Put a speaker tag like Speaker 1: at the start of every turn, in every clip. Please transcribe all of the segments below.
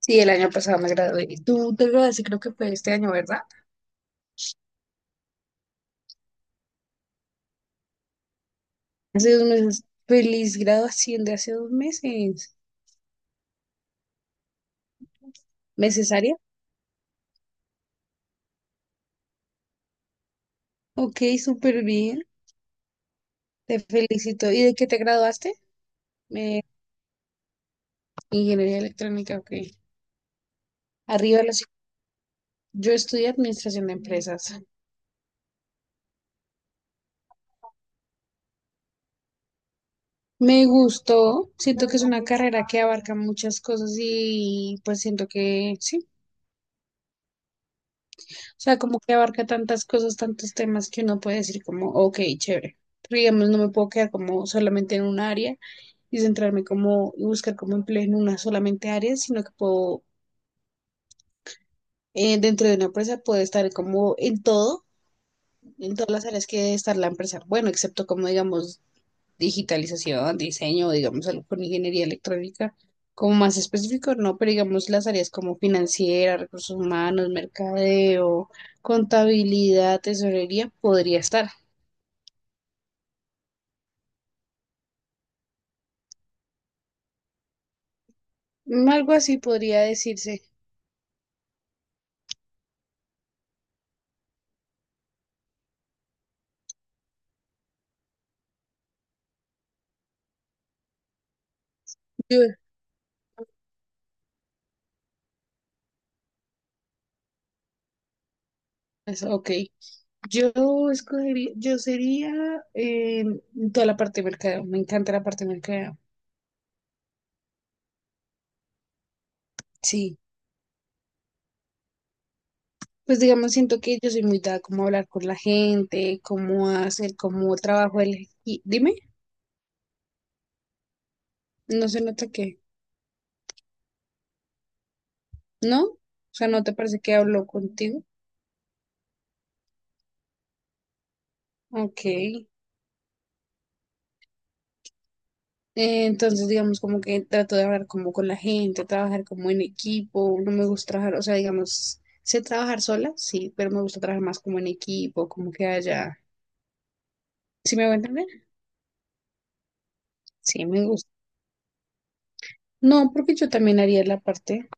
Speaker 1: Sí, el año pasado me gradué. Y Tú te graduaste, creo que fue este año, ¿verdad? Hace dos meses. Feliz graduación de hace dos meses. ¿Necesaria? Ok, súper bien. Te felicito. ¿Y de qué te graduaste? Eh, ingeniería electrónica, ok. Arriba los... Yo estudié administración de empresas. Me gustó. Siento que es una carrera que abarca muchas cosas y pues siento que sí. O sea, como que abarca tantas cosas, tantos temas que uno puede decir como, ok, chévere. Pero digamos, no me puedo quedar como solamente en un área y centrarme como y buscar como empleo en una solamente área, sino que puedo, dentro de una empresa puedo estar como en todo, en todas las áreas que debe estar la empresa. Bueno, excepto como digamos digitalización, diseño, digamos algo con ingeniería electrónica, como más específico, no, pero digamos las áreas como financiera, recursos humanos, mercadeo, contabilidad, tesorería, podría estar. Mm, algo así podría decirse. Yo- Ok. Yo escogería, yo sería eh, toda la parte de mercadeo, me encanta la parte de mercadeo, sí. Pues digamos, siento que yo soy muy dada como a hablar con la gente, cómo hacer, cómo trabajo el... Y dime, no se nota que, ¿no? O sea, ¿no te parece que hablo contigo? Ok. Entonces, digamos, como que trato de hablar como con la gente, trabajar como en equipo, no me gusta trabajar, o sea, digamos, sé trabajar sola, sí, pero me gusta trabajar más como en equipo, como que haya... ¿Sí me voy a entender? Sí, me gusta. No, porque yo también haría la parte.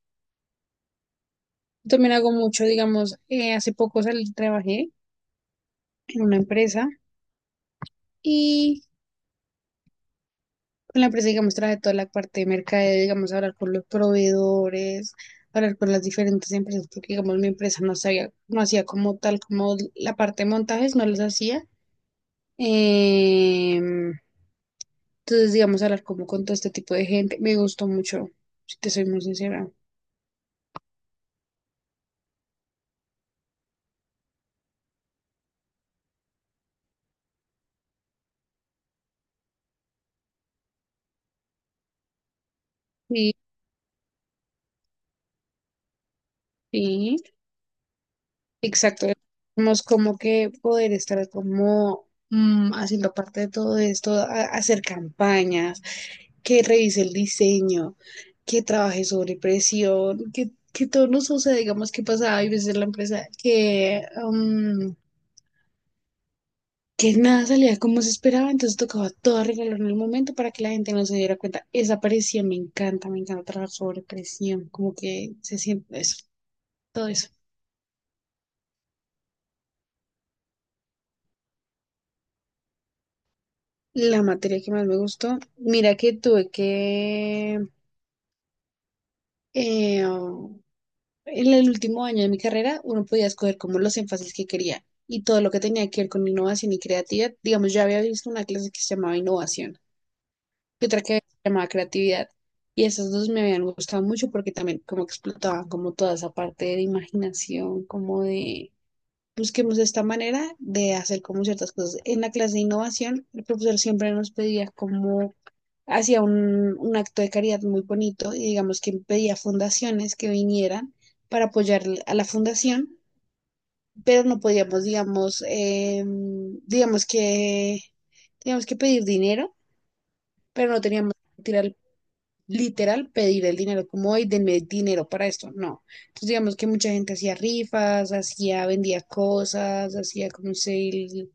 Speaker 1: Yo también hago mucho, digamos, hace poco salí, trabajé en una empresa y con la empresa, digamos, traje toda la parte de mercadeo, digamos, hablar con los proveedores, hablar con las diferentes empresas, porque, digamos, mi empresa no sabía, no hacía como tal, como la parte de montajes, no los hacía. Em, entonces, digamos, hablar como con todo este tipo de gente, me gustó mucho, si te soy muy sincera. Sí, sí. Exacto, tenemos como que poder estar como haciendo parte de todo esto, hacer campañas, que revise el diseño, que trabaje sobre presión, que todo nos suceda, digamos que pasaba, hay veces en la empresa que, mm, que nada salía como se esperaba, entonces tocaba todo arreglarlo en el momento para que la gente no se diera cuenta. Esa presión me encanta trabajar sobre presión, como que se siente eso, todo eso. La materia que más me gustó, mira que tuve que, eh, oh, en el último año de mi carrera, uno podía escoger como los énfasis que quería y todo lo que tenía que ver con innovación y creatividad. Digamos, yo había visto una clase que se llamaba innovación y otra que se llamaba creatividad. Y esas dos me habían gustado mucho porque también como que explotaban como toda esa parte de imaginación, como de busquemos esta manera de hacer como ciertas cosas. En la clase de innovación, el profesor siempre nos pedía como hacía un acto de caridad muy bonito y digamos que pedía fundaciones que vinieran para apoyar a la fundación, pero no podíamos, digamos, digamos que, teníamos que pedir dinero, pero no teníamos que tirar literal pedir el dinero, como hoy denme dinero para esto, no. Entonces digamos que mucha gente hacía rifas, hacía, vendía cosas, hacía como un sale,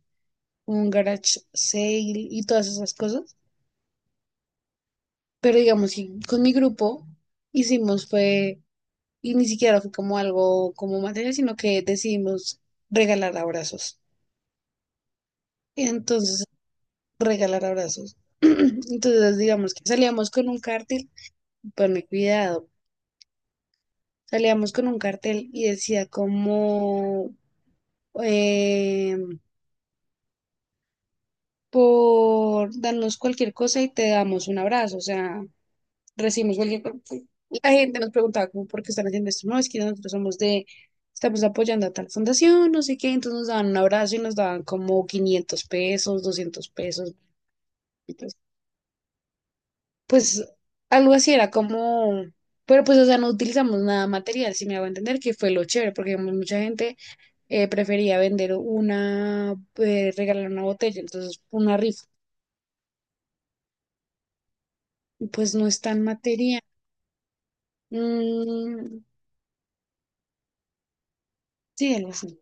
Speaker 1: un garage sale y todas esas cosas. Pero digamos que con mi grupo hicimos fue y ni siquiera fue como algo como material sino que decidimos regalar abrazos. Entonces, regalar abrazos. Entonces, digamos que salíamos con un cartel, ponme cuidado, salíamos con un cartel y decía como, eh, por darnos cualquier cosa y te damos un abrazo, o sea, recibimos cualquier cosa. La gente nos preguntaba como, ¿por qué están haciendo esto? No, es que nosotros somos de, estamos apoyando a tal fundación, no sé qué, entonces nos daban un abrazo y nos daban como 500 pesos, 200 pesos. Entonces, pues, algo así era como, pero pues, o sea, no utilizamos nada material, si me hago entender, que fue lo chévere, porque digamos, mucha gente prefería regalar una botella, entonces una rifa, y pues no es tan material. Mm, sí, algo así,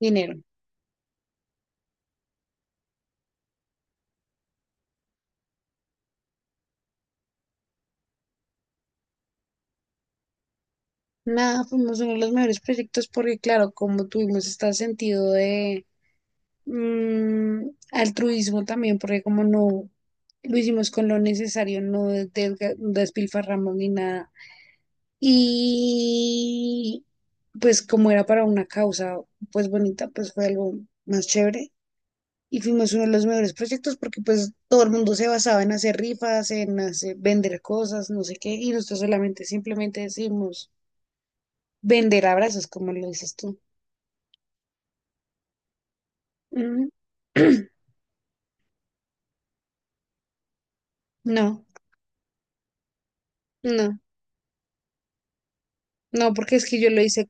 Speaker 1: dinero. Nada, fuimos uno de los mejores proyectos porque, claro, como tuvimos este sentido de altruismo también, porque como no lo hicimos con lo necesario, no despilfarramos ni nada. Y pues como era para una causa, pues bonita, pues fue algo más chévere. Y fuimos uno de los mejores proyectos porque pues todo el mundo se basaba en hacer rifas, en hacer, vender cosas, no sé qué, y nosotros solamente simplemente decimos vender abrazos, como lo dices tú. Mm, No, no, no, porque es que yo lo hice,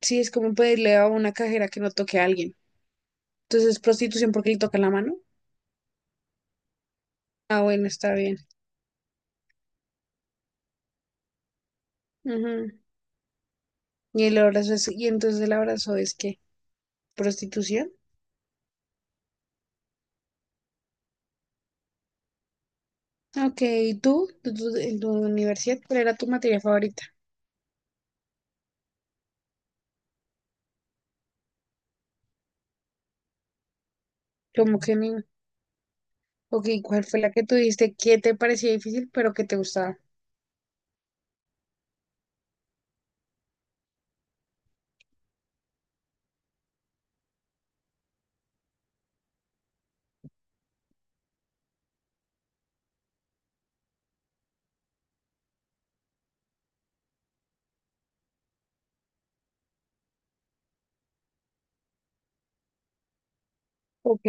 Speaker 1: sí, es como pedirle a una cajera que no toque a alguien. Entonces es prostitución porque le toca la mano. Ah, bueno, está bien. Ujú. Y el abrazo es, y entonces el abrazo es qué prostitución. Ok, ¿y tú? ¿En tu universidad, ¿cuál era tu materia favorita? Como que ni... Ok, ¿cuál fue la que tú dijiste que te parecía difícil pero que te gustaba? Ok,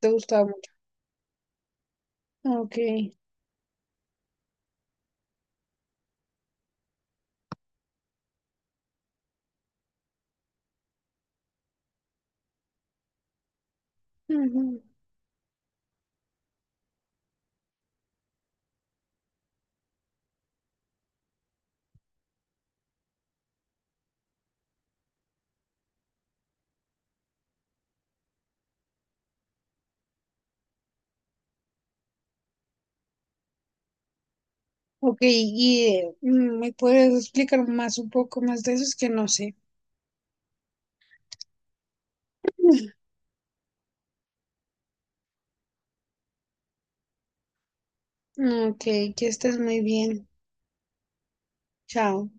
Speaker 1: te gustaba mucho. Ok. Ujú. Ok, y me puedes explicar más un poco más de eso, es que no sé. Ok, que estés muy bien. Chao.